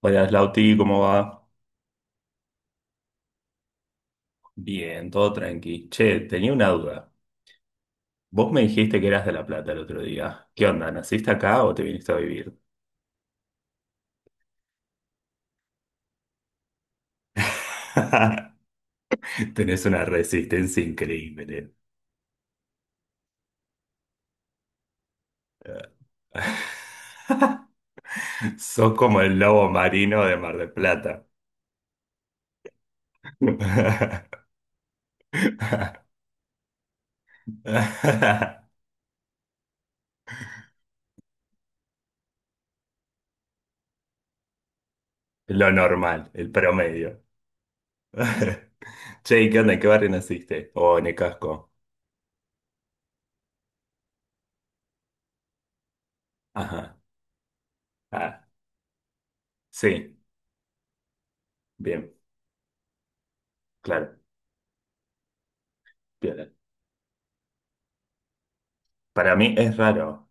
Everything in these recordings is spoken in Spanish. Hola, Slauti, ¿cómo va? Bien, todo tranqui. Che, tenía una duda. Vos me dijiste que eras de La Plata el otro día. ¿Qué onda? ¿Naciste acá o te viniste a vivir? Tenés una resistencia increíble. Sos como el lobo marino de Mar del Plata. Lo normal, el promedio. Che, ¿y qué onda? ¿En qué barrio naciste? O en el casco. Ajá. Ah, sí. Bien, claro, bien. Para mí es raro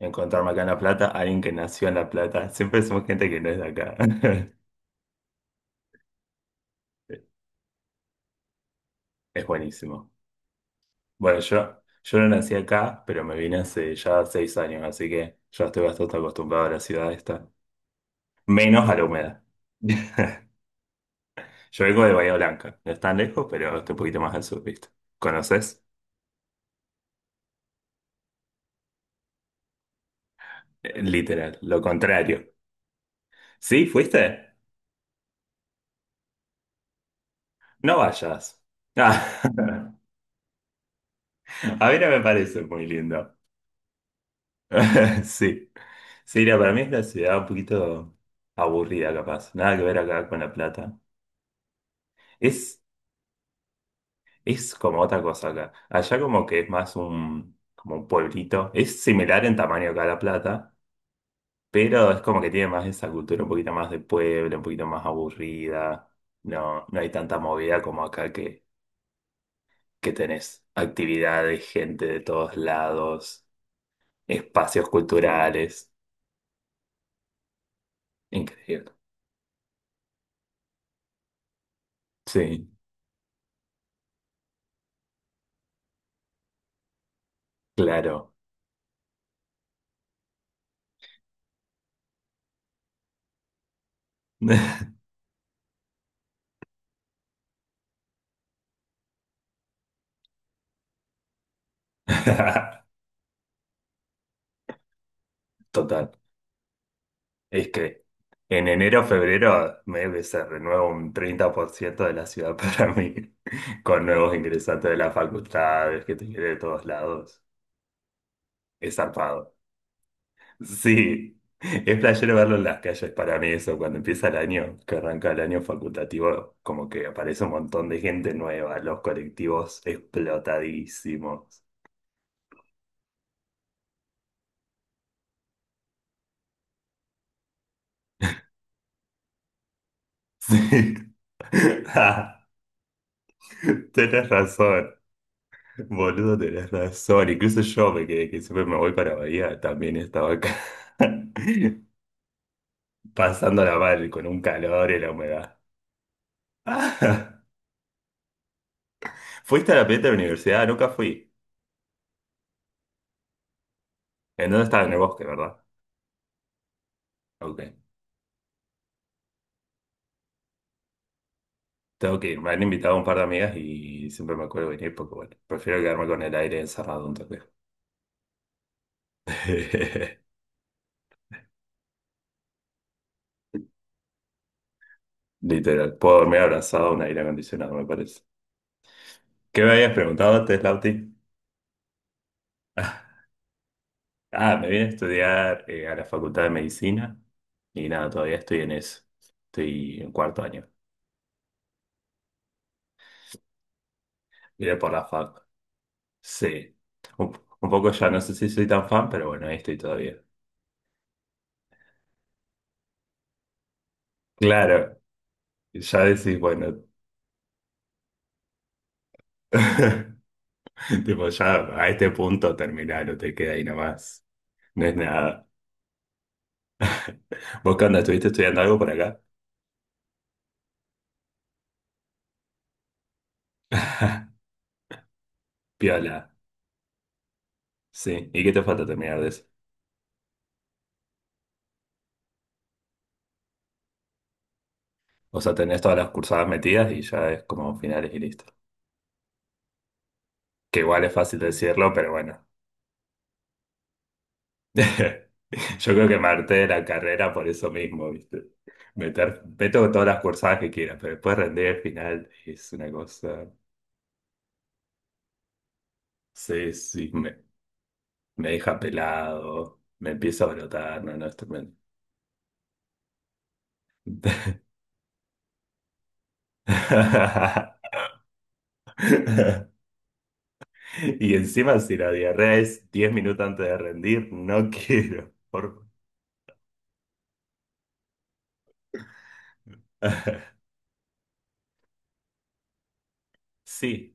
encontrarme acá en La Plata a alguien que nació en La Plata. Siempre somos gente que no es de acá. Es buenísimo. Bueno, yo no nací acá, pero me vine hace ya 6 años, así que ya estoy bastante acostumbrado a la ciudad esta. Menos a la humedad. Yo vengo de Bahía Blanca. No es tan lejos, pero estoy un poquito más al sur, ¿viste? ¿Conoces? Literal, lo contrario. ¿Sí? ¿Fuiste? No vayas. Ah, a mí no me parece muy lindo. Sí. Sí, mira, para mí es una ciudad un poquito aburrida, capaz. Nada que ver acá con La Plata. Es, es como otra cosa acá. Allá como que es más un, como un pueblito. Es similar en tamaño acá a La Plata, pero es como que tiene más esa cultura un poquito más de pueblo, un poquito más aburrida. No, no hay tanta movida como acá que tenés actividades, gente de todos lados, espacios culturales. Increíble. Sí, claro. Total. Es que en enero, febrero, me se renueva un 30% de la ciudad para mí, con nuevos ingresantes de las facultades, que te quiere de todos lados. Es zarpado. Sí, es playero verlo en las calles para mí eso, cuando empieza el año, que arranca el año facultativo, como que aparece un montón de gente nueva, los colectivos explotadísimos. Sí. Ah, tenés razón. Boludo, tenés razón. Incluso yo me que siempre me voy para Bahía, también estaba acá pasándola mal con un calor y la humedad. ¿Fuiste a la pileta de la universidad? Nunca fui. ¿En dónde estaba? En el bosque, ¿verdad? Ok. Tengo que ir. Me han invitado un par de amigas y siempre me acuerdo venir porque, bueno, prefiero quedarme con el aire encerrado un toque. Literal. Puedo dormir abrazado a un aire acondicionado, me parece. ¿Qué me habías preguntado antes, Lauti? Ah, me vine a estudiar a la Facultad de Medicina y nada, todavía estoy en eso. Estoy en cuarto año. Miré por la fac. Sí. Un, un poco ya, no sé si soy tan fan, pero bueno, ahí estoy todavía. Claro, ya decís, bueno, tipo, ya a este punto terminaron, te queda ahí nomás. No es nada. ¿Vos qué onda? ¿Estuviste estudiando algo por acá? Piola. Sí. ¿Y qué te falta terminar de eso? O sea, tenés todas las cursadas metidas y ya es como finales y listo. Que igual es fácil decirlo, pero bueno. Yo creo que me harté de la carrera por eso mismo, ¿viste? Meter, meto todas las cursadas que quieras, pero después rendir al final es una cosa. Sí, sí, me deja pelado, me empiezo a brotar, no, no, es tremendo. Y encima, si la diarrea es 10 minutos antes de rendir, no quiero. Por... favor. Sí.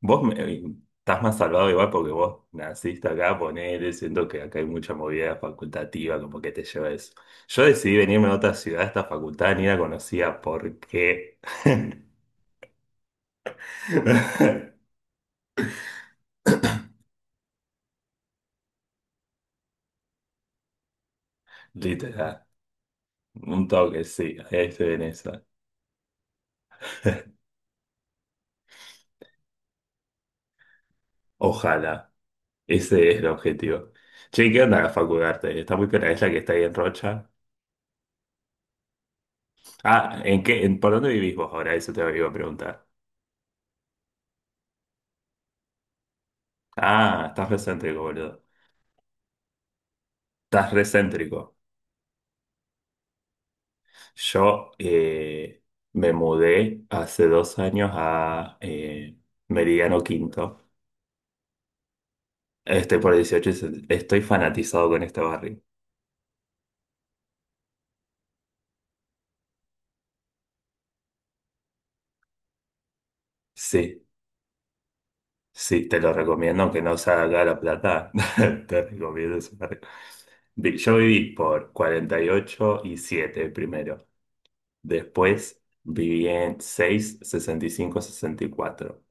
Vos me- eh, Estás más salvado igual porque vos naciste acá, ponele, siento que acá hay mucha movida facultativa, como que te lleva eso. Yo decidí venirme a otra ciudad, esta facultad ni la conocía, ¿por qué? Literal, un toque, sí, ahí estoy en esa. Ojalá, ese es el objetivo. Che, ¿qué onda la facultad? Está muy piola, es la que está ahí en Rocha. ¿ Por dónde vivís vos ahora? Eso te iba a preguntar. Ah, estás recéntrico, boludo. Estás recéntrico. Yo Me mudé hace 2 años a Meridiano Quinto. Estoy por 18, y estoy fanatizado con este barrio. Sí, sí, te lo recomiendo, aunque no sea acá de La Plata, te recomiendo ese barrio. Yo viví por 48 y 7 primero. Después viví en 6 65 y 64.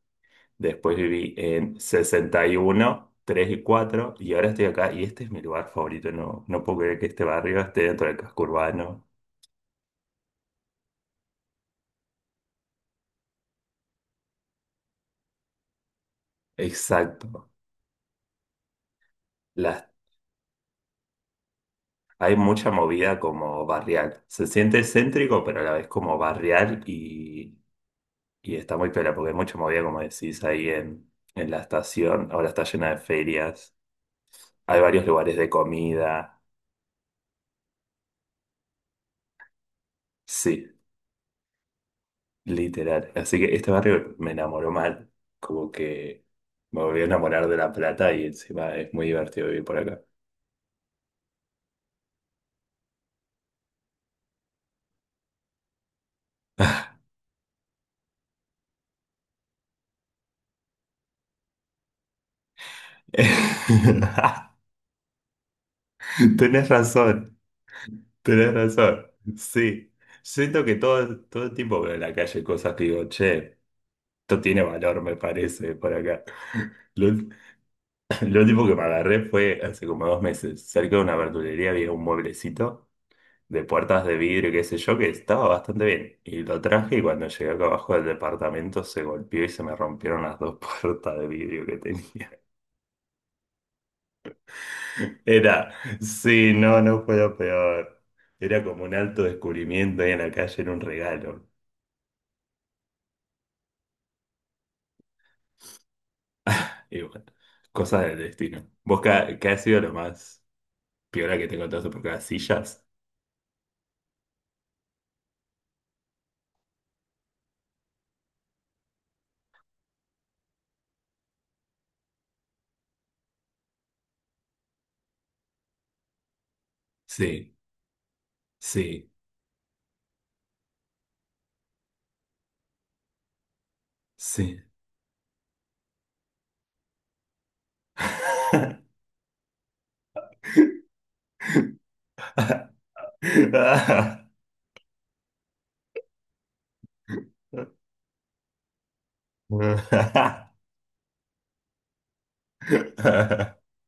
Después viví en 61 3 y 4 y ahora estoy acá y este es mi lugar favorito. No, no puedo creer que este barrio esté dentro del casco urbano. Exacto. Las, Hay mucha movida como barrial. Se siente céntrico, pero a la vez como barrial y está muy piola porque hay mucha movida, como decís, ahí en la estación. Ahora está llena de ferias. Hay varios lugares de comida. Sí, Literal. Así que este barrio me enamoró mal. Como que me volví a enamorar de La Plata y encima es muy divertido vivir por acá. Tenés razón, tenés razón. Sí. Siento que todo, todo el tiempo veo en la calle cosas que digo, che, esto tiene valor, me parece, por acá. Lo, lo último que me agarré fue hace como 2 meses. Cerca de una verdulería había un mueblecito de puertas de vidrio, qué sé yo, que estaba bastante bien. Y lo traje y cuando llegué acá abajo del departamento se golpeó y se me rompieron las dos puertas de vidrio que tenía. Era, sí, no, no fue lo peor. Era como un alto descubrimiento ahí en la calle, era un regalo. Y bueno, cosas del destino. ¿Vos qué ha sido lo más peor que te encontraste por acá? ¿Sillas? Sí, sí, sí.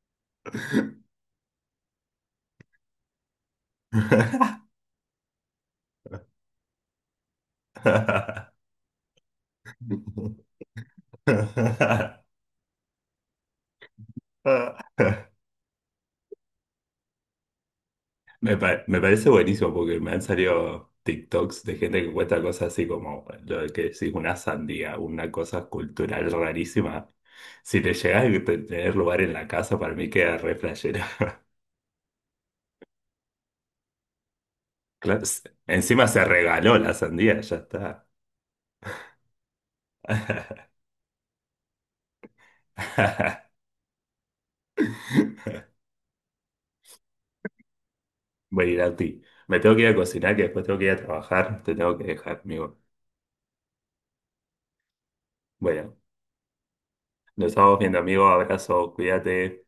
Me parece buenísimo porque me han salido TikToks de gente que cuesta cosas así como lo que decís, una sandía, una cosa cultural rarísima. Si te llegas a tener lugar en la casa, para mí queda re flashero. Claro, encima se regaló la sandía, ya está. Voy a ir a ti. Me tengo que ir a cocinar, que después tengo que ir a trabajar. Te tengo que dejar, amigo. Bueno, nos estamos viendo, amigo. Abrazo, cuídate.